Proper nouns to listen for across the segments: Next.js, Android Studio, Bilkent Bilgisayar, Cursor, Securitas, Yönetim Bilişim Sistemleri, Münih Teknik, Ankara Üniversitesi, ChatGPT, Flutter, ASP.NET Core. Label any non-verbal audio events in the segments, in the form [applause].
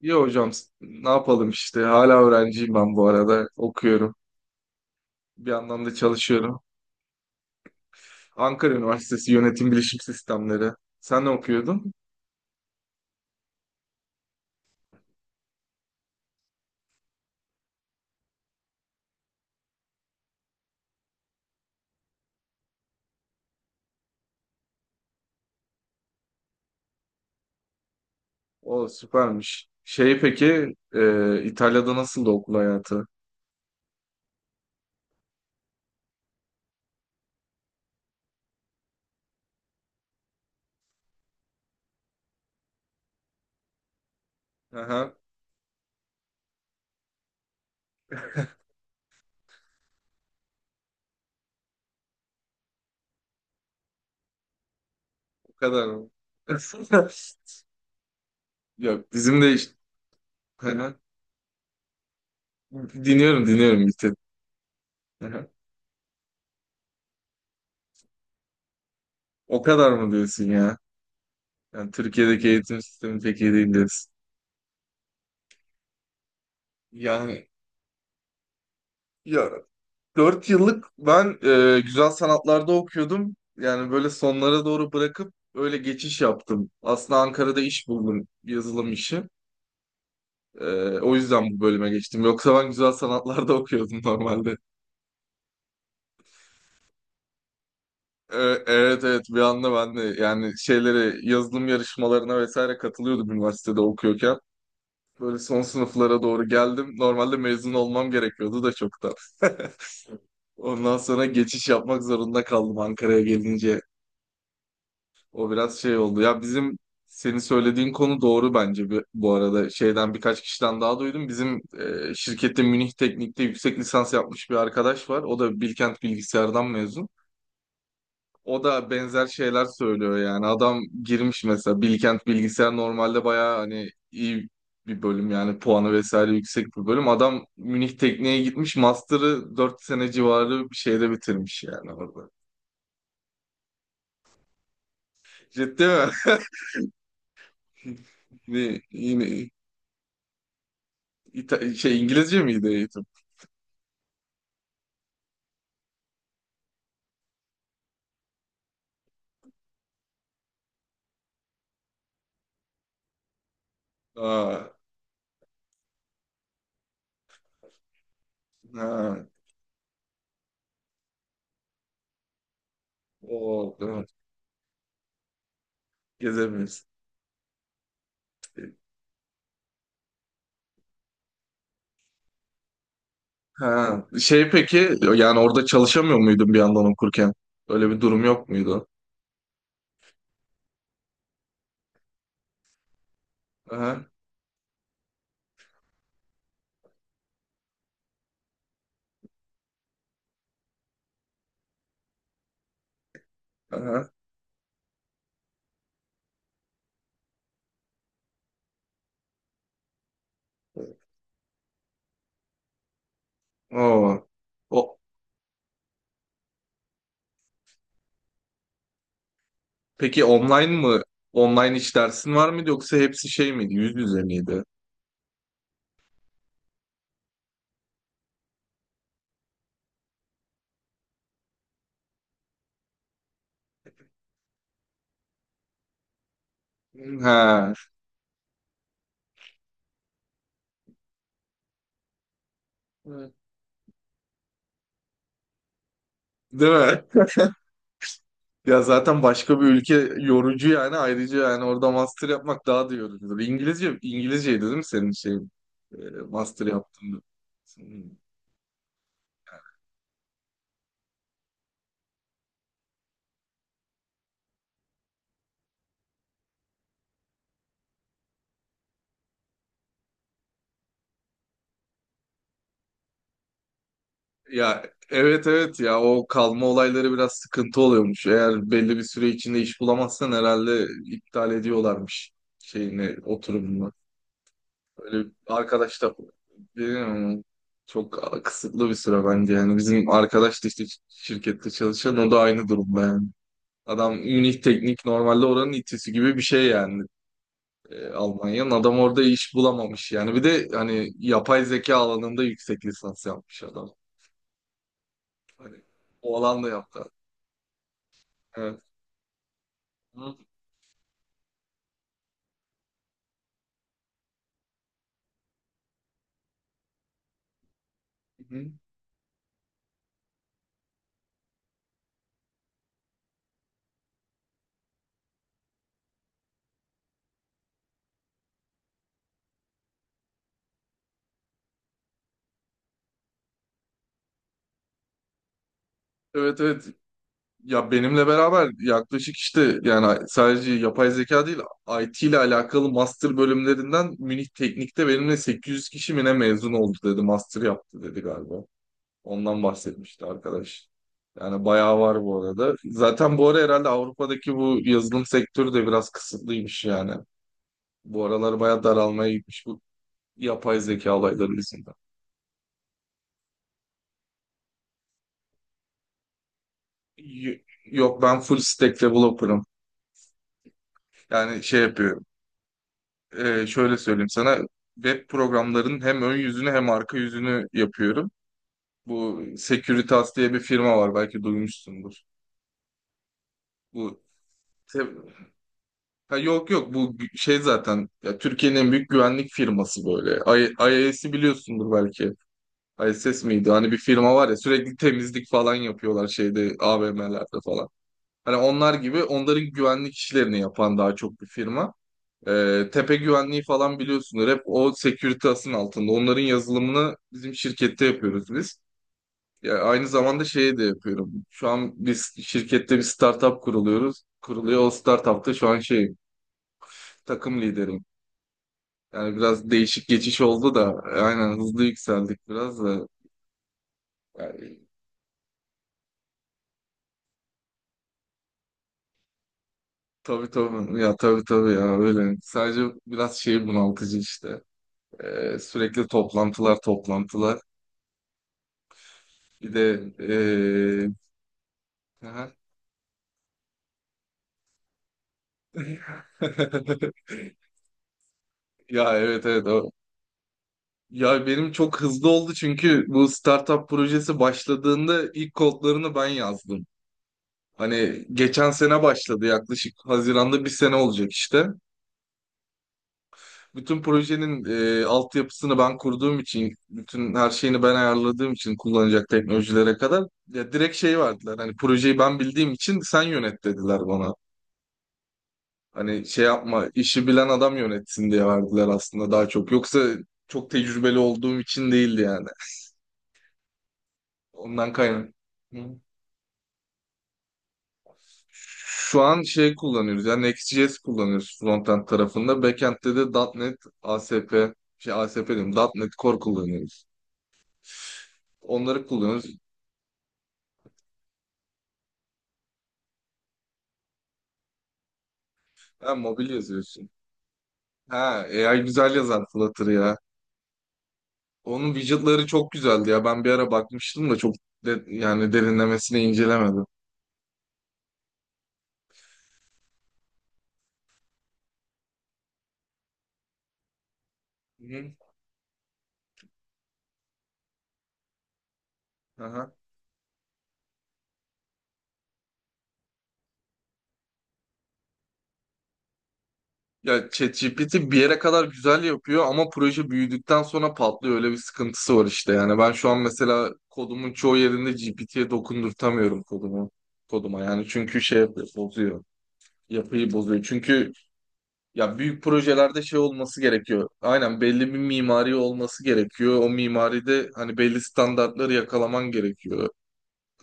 İyi hocam, ne yapalım işte hala öğrenciyim ben bu arada okuyorum. Bir yandan da çalışıyorum. Ankara Üniversitesi Yönetim Bilişim Sistemleri. Sen ne okuyordun? O süpermiş. Şey, peki, İtalya'da nasıldı okul hayatı? Aha, o kadar mı? [laughs] Yok bizim de işte. Aha. Dinliyorum dinliyorum, bitti. Aha. O kadar mı diyorsun ya? Yani Türkiye'deki eğitim sistemi pek iyi değil diyorsun. Yani, ya, 4 yıllık ben güzel sanatlarda okuyordum. Yani böyle sonlara doğru bırakıp öyle geçiş yaptım. Aslında Ankara'da iş buldum, yazılım işi. E, O yüzden bu bölüme geçtim. Yoksa ben güzel sanatlarda [laughs] okuyordum normalde. E, evet evet, bir anda ben de yani şeylere yazılım yarışmalarına vesaire katılıyordum üniversitede okuyorken. Böyle son sınıflara doğru geldim. Normalde mezun olmam gerekiyordu da çoktan. [laughs] Ondan sonra geçiş yapmak zorunda kaldım Ankara'ya gelince, o biraz şey oldu. Ya bizim senin söylediğin konu doğru bence, bu arada. Şeyden birkaç kişiden daha duydum. Bizim şirkette Münih Teknik'te yüksek lisans yapmış bir arkadaş var. O da Bilkent Bilgisayar'dan mezun. O da benzer şeyler söylüyor yani. Adam girmiş mesela, Bilkent Bilgisayar normalde bayağı hani iyi bir bölüm yani, puanı vesaire yüksek bir bölüm. Adam Münih Teknik'e gitmiş, master'ı 4 sene civarı bir şeyde bitirmiş yani orada. Ciddi mi? [laughs] Ne, yine. Şey, İngilizce miydi eğitim? Aa, ha, o evet. Gezemiyoruz. Ha, şey, peki yani orada çalışamıyor muydun bir yandan okurken? Öyle bir durum yok muydu? Aha, aha. Oo. O, peki online mı? Online dersin var mıydı yoksa hepsi şey miydi? Yüz yüze miydi? Ha. Evet. Değil mi? Ya zaten başka bir ülke yorucu yani, ayrıca yani orada master yapmak daha da yorucudur. İngilizceydi değil mi senin şey e, master yaptığında? Hmm. Ya evet evet, ya o kalma olayları biraz sıkıntı oluyormuş. Eğer belli bir süre içinde iş bulamazsan herhalde iptal ediyorlarmış şeyini, oturumunu. Öyle arkadaş da bilmiyorum ama çok kısıtlı bir süre bence yani, bizim arkadaş da işte şirkette çalışan o da aynı durumda yani. Adam Münih Teknik normalde oranın itisi gibi bir şey yani, Almanya'nın. Adam orada iş bulamamış yani. Bir de hani yapay zeka alanında yüksek lisans yapmış adam. Hani o alanda yaptı. Evet. Hı hı. Evet evet. Ya benimle beraber yaklaşık işte yani sadece yapay zeka değil, IT ile alakalı master bölümlerinden Münih Teknik'te benimle 800 kişi mi ne mezun oldu dedi. Master yaptı dedi galiba. Ondan bahsetmişti arkadaş. Yani bayağı var bu arada. Zaten bu ara herhalde Avrupa'daki bu yazılım sektörü de biraz kısıtlıymış yani. Bu aralar bayağı daralmaya gitmiş bu yapay zeka olayları yüzünden. Y- Yok ben full stack developer'ım. Yani şey yapıyorum. Şöyle söyleyeyim sana. Web programlarının hem ön yüzünü hem arka yüzünü yapıyorum. Bu Securitas diye bir firma var belki duymuşsundur. Bu te- Ha, yok yok, şey zaten ya, Türkiye'nin en büyük güvenlik firması böyle. IAS'i biliyorsundur belki. ISS miydi? Hani bir firma var ya, sürekli temizlik falan yapıyorlar şeyde AVM'lerde falan. Hani onlar gibi, onların güvenlik işlerini yapan daha çok bir firma. Tepe Güvenliği falan biliyorsunuz. Hep o Securitas'ın altında. Onların yazılımını bizim şirkette yapıyoruz biz. Ya aynı zamanda şeyi de yapıyorum. Şu an biz şirkette bir startup kuruluyoruz. Kuruluyor. O startupta şu an şey, takım lideri. Yani biraz değişik geçiş oldu da aynen, hızlı yükseldik biraz da. Yani, tabii tabii ya tabii tabii ya, öyle. Sadece biraz şey bunaltıcı işte. Sürekli toplantılar toplantılar. Bir de aha. [laughs] Ya, evet evet, Ya benim çok hızlı oldu çünkü bu startup projesi başladığında ilk kodlarını ben yazdım. Hani geçen sene başladı yaklaşık, Haziran'da bir sene olacak işte. Bütün projenin altyapısını ben kurduğum için, bütün her şeyini ben ayarladığım için kullanacak teknolojilere kadar ya direkt şey verdiler. Hani projeyi ben bildiğim için sen yönet dediler bana. Hani şey yapma, işi bilen adam yönetsin diye verdiler aslında daha çok. Yoksa çok tecrübeli olduğum için değildi yani. Ondan kaynak. Hı. Şu an şey kullanıyoruz. Yani Next.js kullanıyoruz frontend tarafında. Backend'de de .NET, ASP, şey ASP diyorum, .NET Core kullanıyoruz. Onları kullanıyoruz. Ha, mobil yazıyorsun. Ha, AI güzel yazar Flutter ya. Onun widgetları çok güzeldi ya. Ben bir ara bakmıştım da çok yani derinlemesine incelemedim. Hı. Aha. Ya ChatGPT bir yere kadar güzel yapıyor ama proje büyüdükten sonra patlıyor. Öyle bir sıkıntısı var işte. Yani ben şu an mesela kodumun çoğu yerinde GPT'ye dokundurtamıyorum kodumu. Koduma yani, çünkü şey yapıyor, bozuyor. Yapıyı bozuyor. Çünkü ya büyük projelerde şey olması gerekiyor. Aynen, belli bir mimari olması gerekiyor. O mimaride hani belli standartları yakalaman gerekiyor.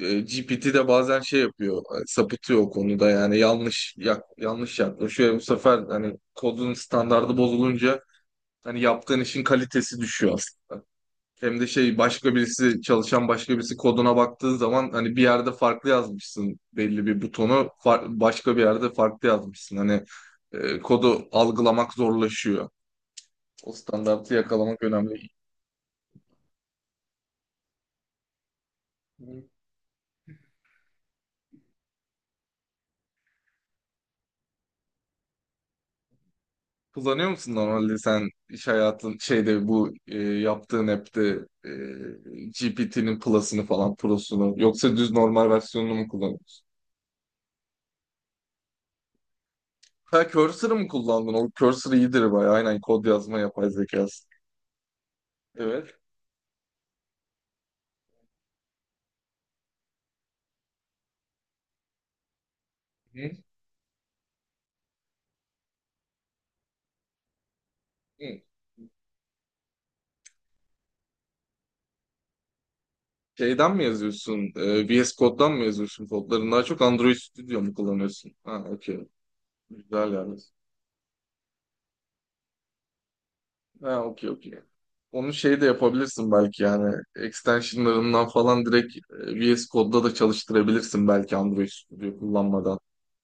GPT de bazen şey yapıyor, sapıtıyor o konuda, yani yanlış yaklaşıyor. Bu sefer hani kodun standardı bozulunca hani yaptığın işin kalitesi düşüyor aslında. Hem de şey başka birisi çalışan başka birisi koduna baktığın zaman hani bir yerde farklı yazmışsın, belli bir butonu başka bir yerde farklı yazmışsın. Hani kodu algılamak zorlaşıyor. O standartı yakalamak önemli. Kullanıyor musun normalde sen, iş hayatın şeyde, bu yaptığın app'te GPT'nin Plus'ını falan Pro'sunu yoksa düz normal versiyonunu mu kullanıyorsun? Ha, Cursor'ı mı kullandın? O Cursor iyidir bayağı. Aynen, kod yazma yapay zekası. Evet. Hı. Hı. Şeyden mi yazıyorsun? VS Code'dan mı yazıyorsun kodlarını? Daha çok Android Studio mu kullanıyorsun? Ha, okey. Güzel yani. Ha, okey, okey. Onu şey de yapabilirsin belki yani. Extensionlarından falan direkt VS Code'da da çalıştırabilirsin belki Android Studio kullanmadan.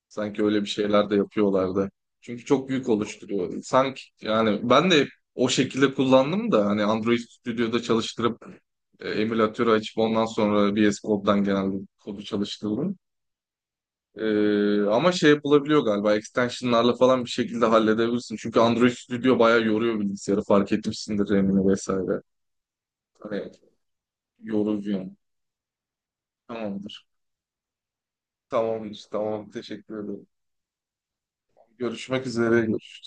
Sanki öyle bir şeyler de yapıyorlardı. Çünkü çok büyük oluşturuyor. Sanki yani ben de o şekilde kullandım da hani Android Studio'da çalıştırıp emülatörü açıp ondan sonra VS Code'dan genelde kodu çalıştırdım. E, Ama şey yapılabiliyor galiba, extensionlarla falan bir şekilde halledebilirsin. Çünkü Android Studio bayağı yoruyor bilgisayarı, fark etmişsindir RAM'ini vesaire. Hani yorucu yani. Tamamdır. Tamamdır. Tamam. Teşekkür ederim. Görüşmek üzere.